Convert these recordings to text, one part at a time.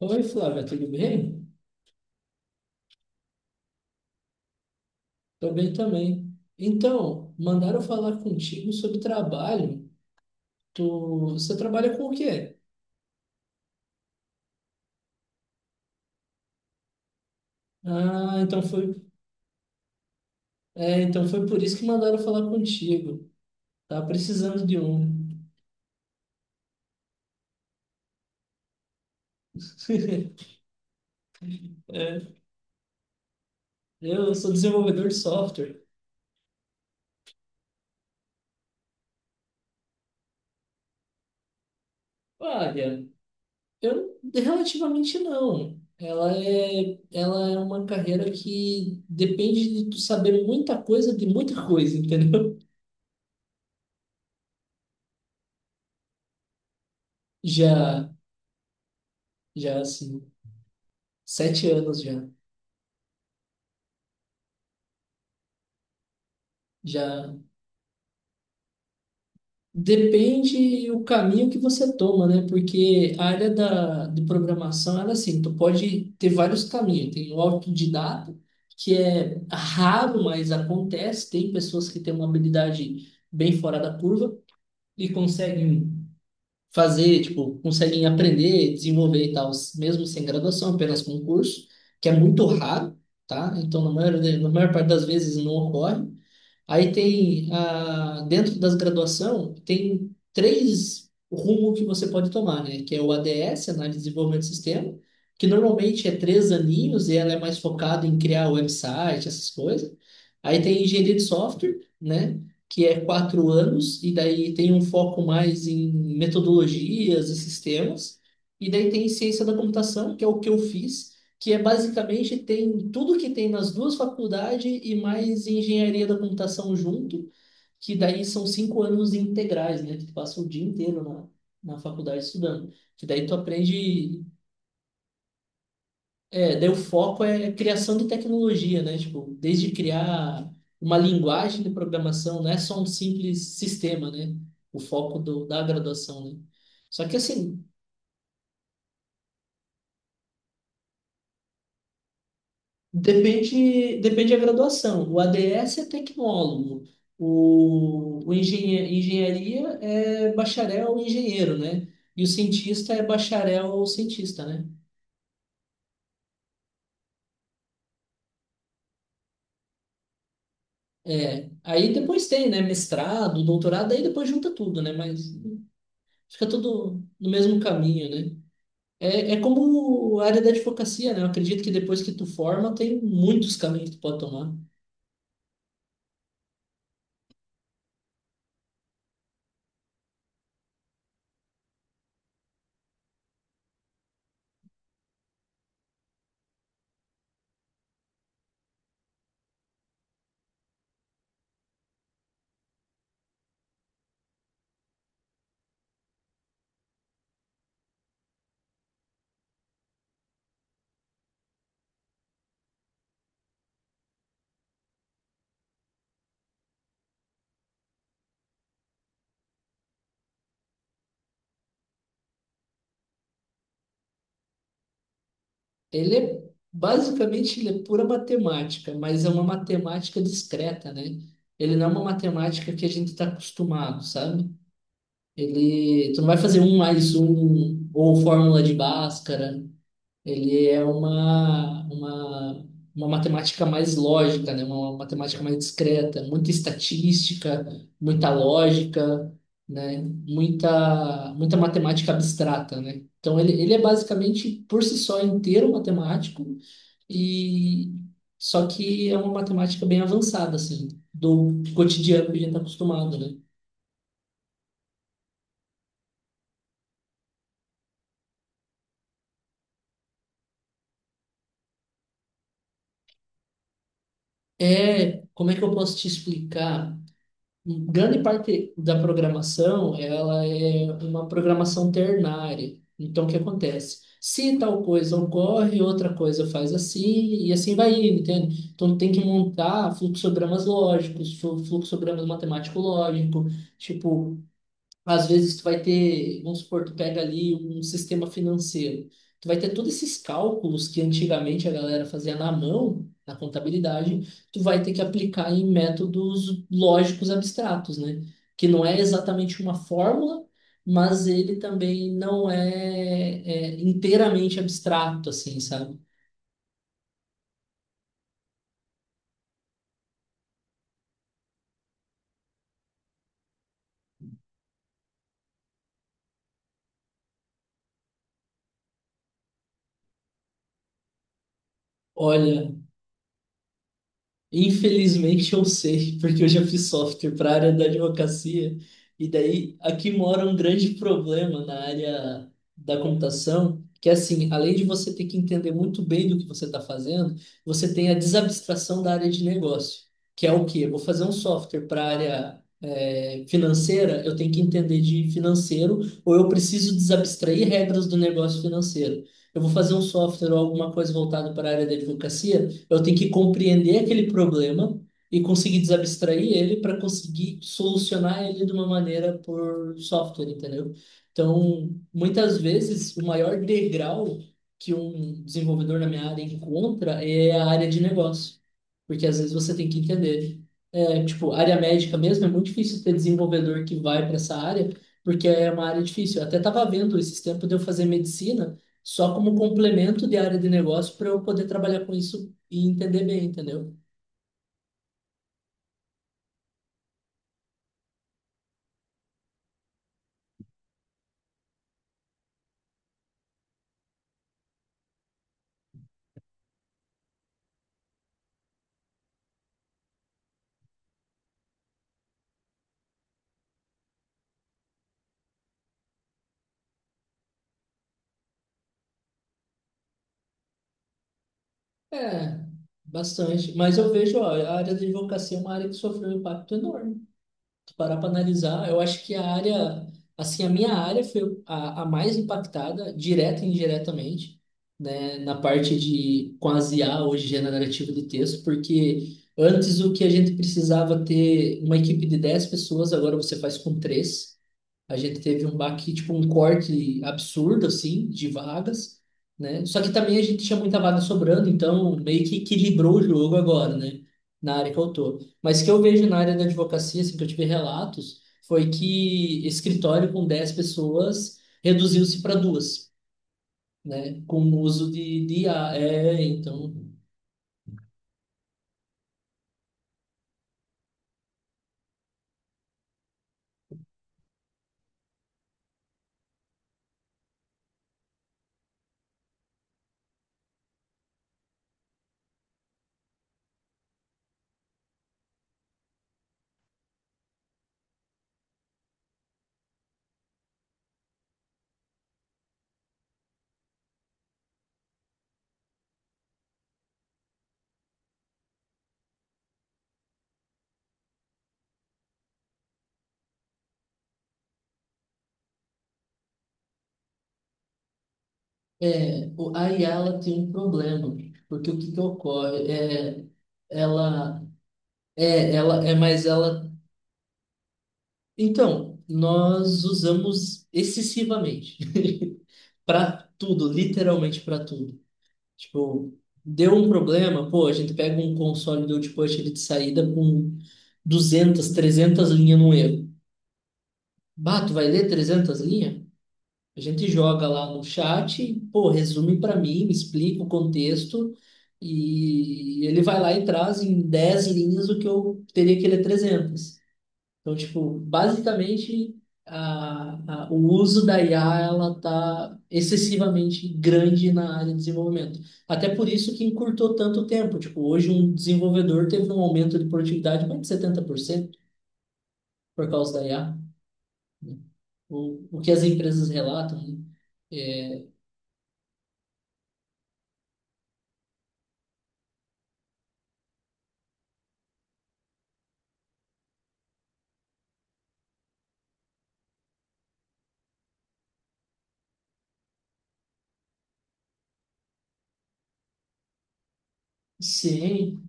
Oi, Flávia, tudo bem? Tô bem também. Então, mandaram falar contigo sobre trabalho. Tu, você trabalha com o quê? Ah, então foi, então foi por isso que mandaram falar contigo. Tá precisando de um. É, eu sou desenvolvedor de software. Olha, eu relativamente não. Ela é uma carreira que depende de tu saber muita coisa de muita coisa, entendeu? Já, já assim, 7 anos já. Já depende o caminho que você toma, né? Porque a área de programação, ela é assim, tu pode ter vários caminhos. Tem o autodidata, que é raro, mas acontece. Tem pessoas que têm uma habilidade bem fora da curva e conseguem fazer, tipo, conseguem aprender, desenvolver e tal, mesmo sem graduação, apenas com curso, que é muito raro, tá? Então, na maior parte das vezes não ocorre. Aí tem, dentro das graduação, tem três rumos que você pode tomar, né? Que é o ADS, Análise de Desenvolvimento de Sistema, que normalmente é 3 aninhos e ela é mais focada em criar website, essas coisas. Aí tem Engenharia de Software, né? Que é 4 anos e daí tem um foco mais em metodologias e sistemas. E daí tem Ciência da Computação, que é o que eu fiz, que é basicamente tem tudo que tem nas duas faculdades e mais engenharia da computação junto, que daí são 5 anos integrais, né? Que tu passa o dia inteiro na faculdade estudando. Que daí tu aprende. É, daí o foco é criação de tecnologia, né? Tipo, desde criar uma linguagem de programação, não é só um simples sistema, né? O foco da graduação, né? Só que assim, depende da graduação. O ADS é tecnólogo, o engenharia é bacharel ou engenheiro, né? E o cientista é bacharel ou cientista, né? É, aí depois tem, né, mestrado, doutorado, aí depois junta tudo, né? Mas fica tudo no mesmo caminho, né? É, é como a área da advocacia, né? Eu acredito que depois que tu forma, tem muitos caminhos que tu pode tomar. Ele é, basicamente, ele é pura matemática, mas é uma matemática discreta, né? Ele não é uma matemática que a gente está acostumado, sabe? Tu não vai fazer um mais um ou fórmula de Bhaskara. Ele é uma matemática mais lógica, né? Uma matemática mais discreta, muita estatística, muita lógica, né? Muita matemática abstrata, né? Então ele é basicamente por si só inteiro matemático e só que é uma matemática bem avançada, assim, do cotidiano que a gente está acostumado, né? É, como é que eu posso te explicar? Grande parte da programação, ela é uma programação ternária. Então, o que acontece? Se tal coisa ocorre, outra coisa faz assim, e assim vai indo, entende? Então, tem que montar fluxogramas lógicos, fluxogramas matemático-lógico, tipo, às vezes tu vai ter, vamos supor, tu pega ali um sistema financeiro. Tu vai ter todos esses cálculos que antigamente a galera fazia na mão, na contabilidade, tu vai ter que aplicar em métodos lógicos abstratos, né? Que não é exatamente uma fórmula, mas ele também não é, é inteiramente abstrato, assim, sabe? Olha, infelizmente eu sei, porque eu já fiz software para a área da advocacia, e daí aqui mora um grande problema na área da computação, que é assim, além de você ter que entender muito bem do que você está fazendo, você tem a desabstração da área de negócio, que é o quê? Eu vou fazer um software para a área financeira, eu tenho que entender de financeiro, ou eu preciso desabstrair regras do negócio financeiro. Eu vou fazer um software ou alguma coisa voltada para a área da advocacia, eu tenho que compreender aquele problema e conseguir desabstrair ele para conseguir solucionar ele de uma maneira por software, entendeu? Então, muitas vezes, o maior degrau que um desenvolvedor na minha área encontra é a área de negócio. Porque às vezes você tem que entender. É, tipo, área médica mesmo, é muito difícil ter desenvolvedor que vai para essa área, porque é uma área difícil. Eu até estava vendo esses tempos de eu fazer medicina só como complemento de área de negócio para eu poder trabalhar com isso e entender bem, entendeu? É, bastante. Mas eu vejo, ó, a área da advocacia é uma área que sofreu um impacto enorme. Se parar para analisar, eu acho que assim, a minha área foi a mais impactada, direta e indiretamente, né, na parte de, com as IA, hoje, generativa de texto, porque antes o que a gente precisava ter uma equipe de 10 pessoas, agora você faz com três. A gente teve um baque, tipo, um corte absurdo, assim, de vagas, né? Só que também a gente tinha muita vaga sobrando, então meio que equilibrou o jogo agora, né? Na área que eu tô. Mas o que eu vejo na área da advocacia, assim, que eu tive relatos, foi que escritório com 10 pessoas reduziu-se para duas, né? Com o uso de IA. É, então. É, a IA ela tem um problema, porque o que que ocorre? É, ela é, ela é, mas ela Então, nós usamos excessivamente para tudo, literalmente para tudo. Tipo, deu um problema, pô, a gente pega um console do output ele de saída com 200, 300 linhas no erro. Bah, tu vai ler 300 linhas? A gente joga lá no chat, pô, resume para mim, me explica o contexto e ele vai lá e traz em 10 linhas o que eu teria que ler 300. Então, tipo, basicamente, o uso da IA, ela tá excessivamente grande na área de desenvolvimento. Até por isso que encurtou tanto tempo. Tipo, hoje um desenvolvedor teve um aumento de produtividade mais de 70% por causa da IA. O que as empresas relatam, né? É, sim,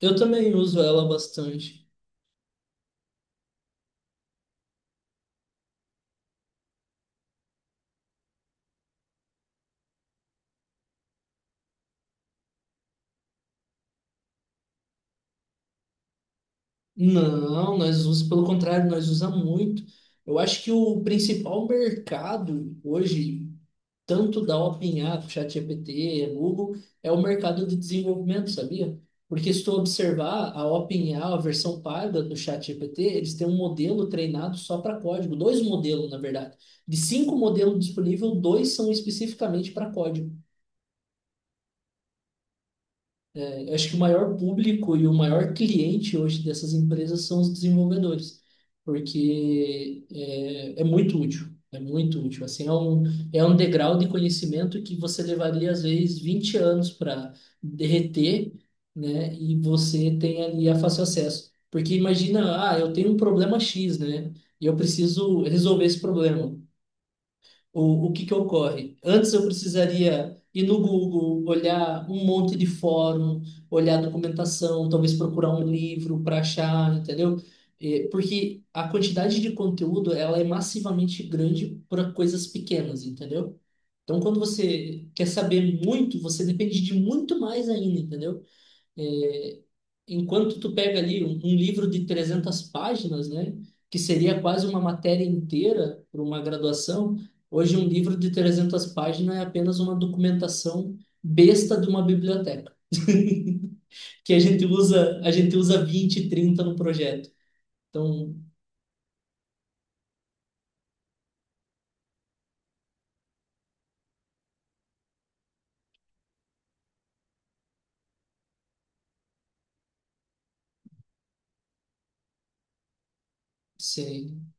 eu também uso ela bastante. Não, nós usamos, pelo contrário, nós usamos muito. Eu acho que o principal mercado hoje tanto da OpenAI, ChatGPT, Google, é o mercado de desenvolvimento, sabia? Porque se tu observar a OpenAI, a versão paga do ChatGPT, eles têm um modelo treinado só para código, dois modelos, na verdade. De cinco modelos disponíveis, dois são especificamente para código. Eu acho que o maior público e o maior cliente hoje dessas empresas são os desenvolvedores, porque é muito útil, é muito útil. Assim, é um degrau de conhecimento que você levaria, às vezes, 20 anos para derreter, né? E você tem ali a fácil acesso. Porque imagina, ah, eu tenho um problema X, né? E eu preciso resolver esse problema. O que que ocorre? Antes eu precisaria ir no Google, olhar um monte de fórum, olhar documentação, talvez procurar um livro para achar, entendeu? Porque a quantidade de conteúdo ela é massivamente grande para coisas pequenas, entendeu? Então, quando você quer saber muito, você depende de muito mais ainda, entendeu? É, enquanto tu pega ali um livro de 300 páginas, né, que seria quase uma matéria inteira para uma graduação, hoje um livro de 300 páginas é apenas uma documentação besta de uma biblioteca, que a gente usa 20, 30 no projeto. Então, sim,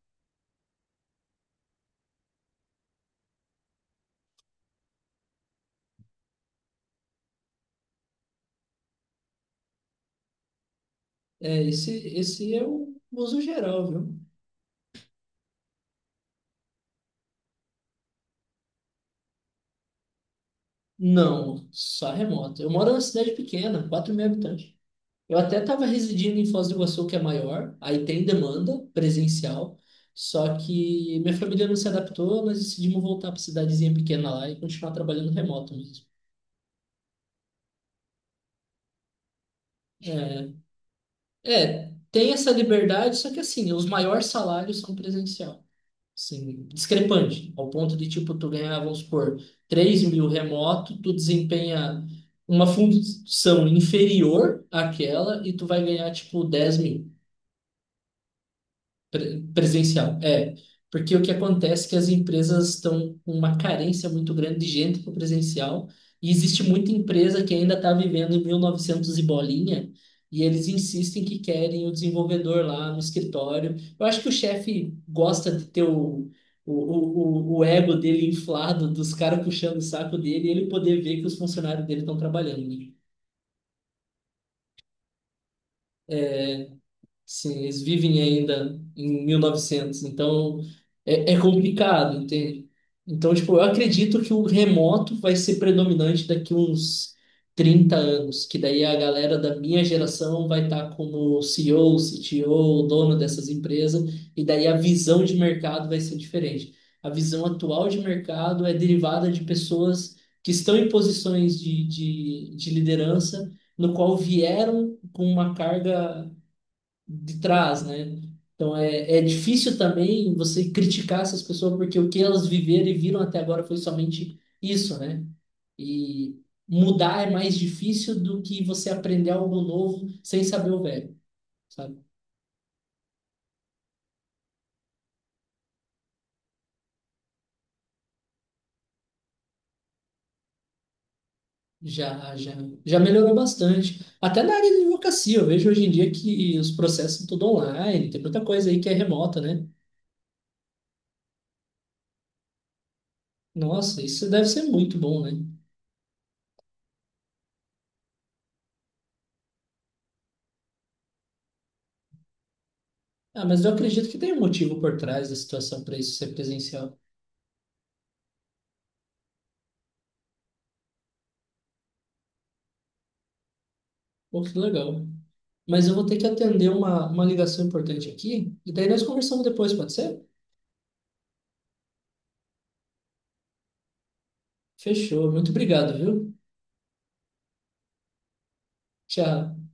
é, esse é o uso geral, viu? Não, só remoto. Eu moro numa cidade pequena, 4 mil habitantes. Eu até estava residindo em Foz do Iguaçu, que é maior, aí tem demanda presencial, só que minha família não se adaptou, nós decidimos voltar para cidadezinha pequena lá e continuar trabalhando remoto mesmo. É, é, tem essa liberdade, só que assim, os maiores salários são presencial. Assim, discrepante, ao ponto de, tipo, tu ganhar, vamos supor, 3 mil remoto, tu desempenha uma função inferior àquela e tu vai ganhar, tipo, 10 mil. Presencial, é. Porque o que acontece é que as empresas estão com uma carência muito grande de gente para o presencial e existe muita empresa que ainda está vivendo em 1900 e bolinha e eles insistem que querem o desenvolvedor lá no escritório. Eu acho que o chefe gosta de ter o ego dele inflado, dos caras puxando o saco dele e ele poder ver que os funcionários dele estão trabalhando, né? Sim, eles vivem ainda em 1900, então é complicado, entende? Então, tipo, eu acredito que o remoto vai ser predominante daqui uns 30 anos, que daí a galera da minha geração vai estar como CEO, CTO, dono dessas empresas, e daí a visão de mercado vai ser diferente. A visão atual de mercado é derivada de pessoas que estão em posições de liderança, no qual vieram com uma carga de trás, né? Então é difícil também você criticar essas pessoas porque o que elas viveram e viram até agora foi somente isso, né? E mudar é mais difícil do que você aprender algo novo sem saber o velho, sabe? Já, já, já melhorou bastante. Até na área de advocacia, eu vejo hoje em dia que os processos são tudo online, tem muita coisa aí que é remota, né? Nossa, isso deve ser muito bom, né? Ah, mas eu acredito que tem um motivo por trás da situação para isso ser presencial. Pô, que legal. Mas eu vou ter que atender uma ligação importante aqui. E daí nós conversamos depois, pode ser? Fechou. Muito obrigado, viu? Tchau.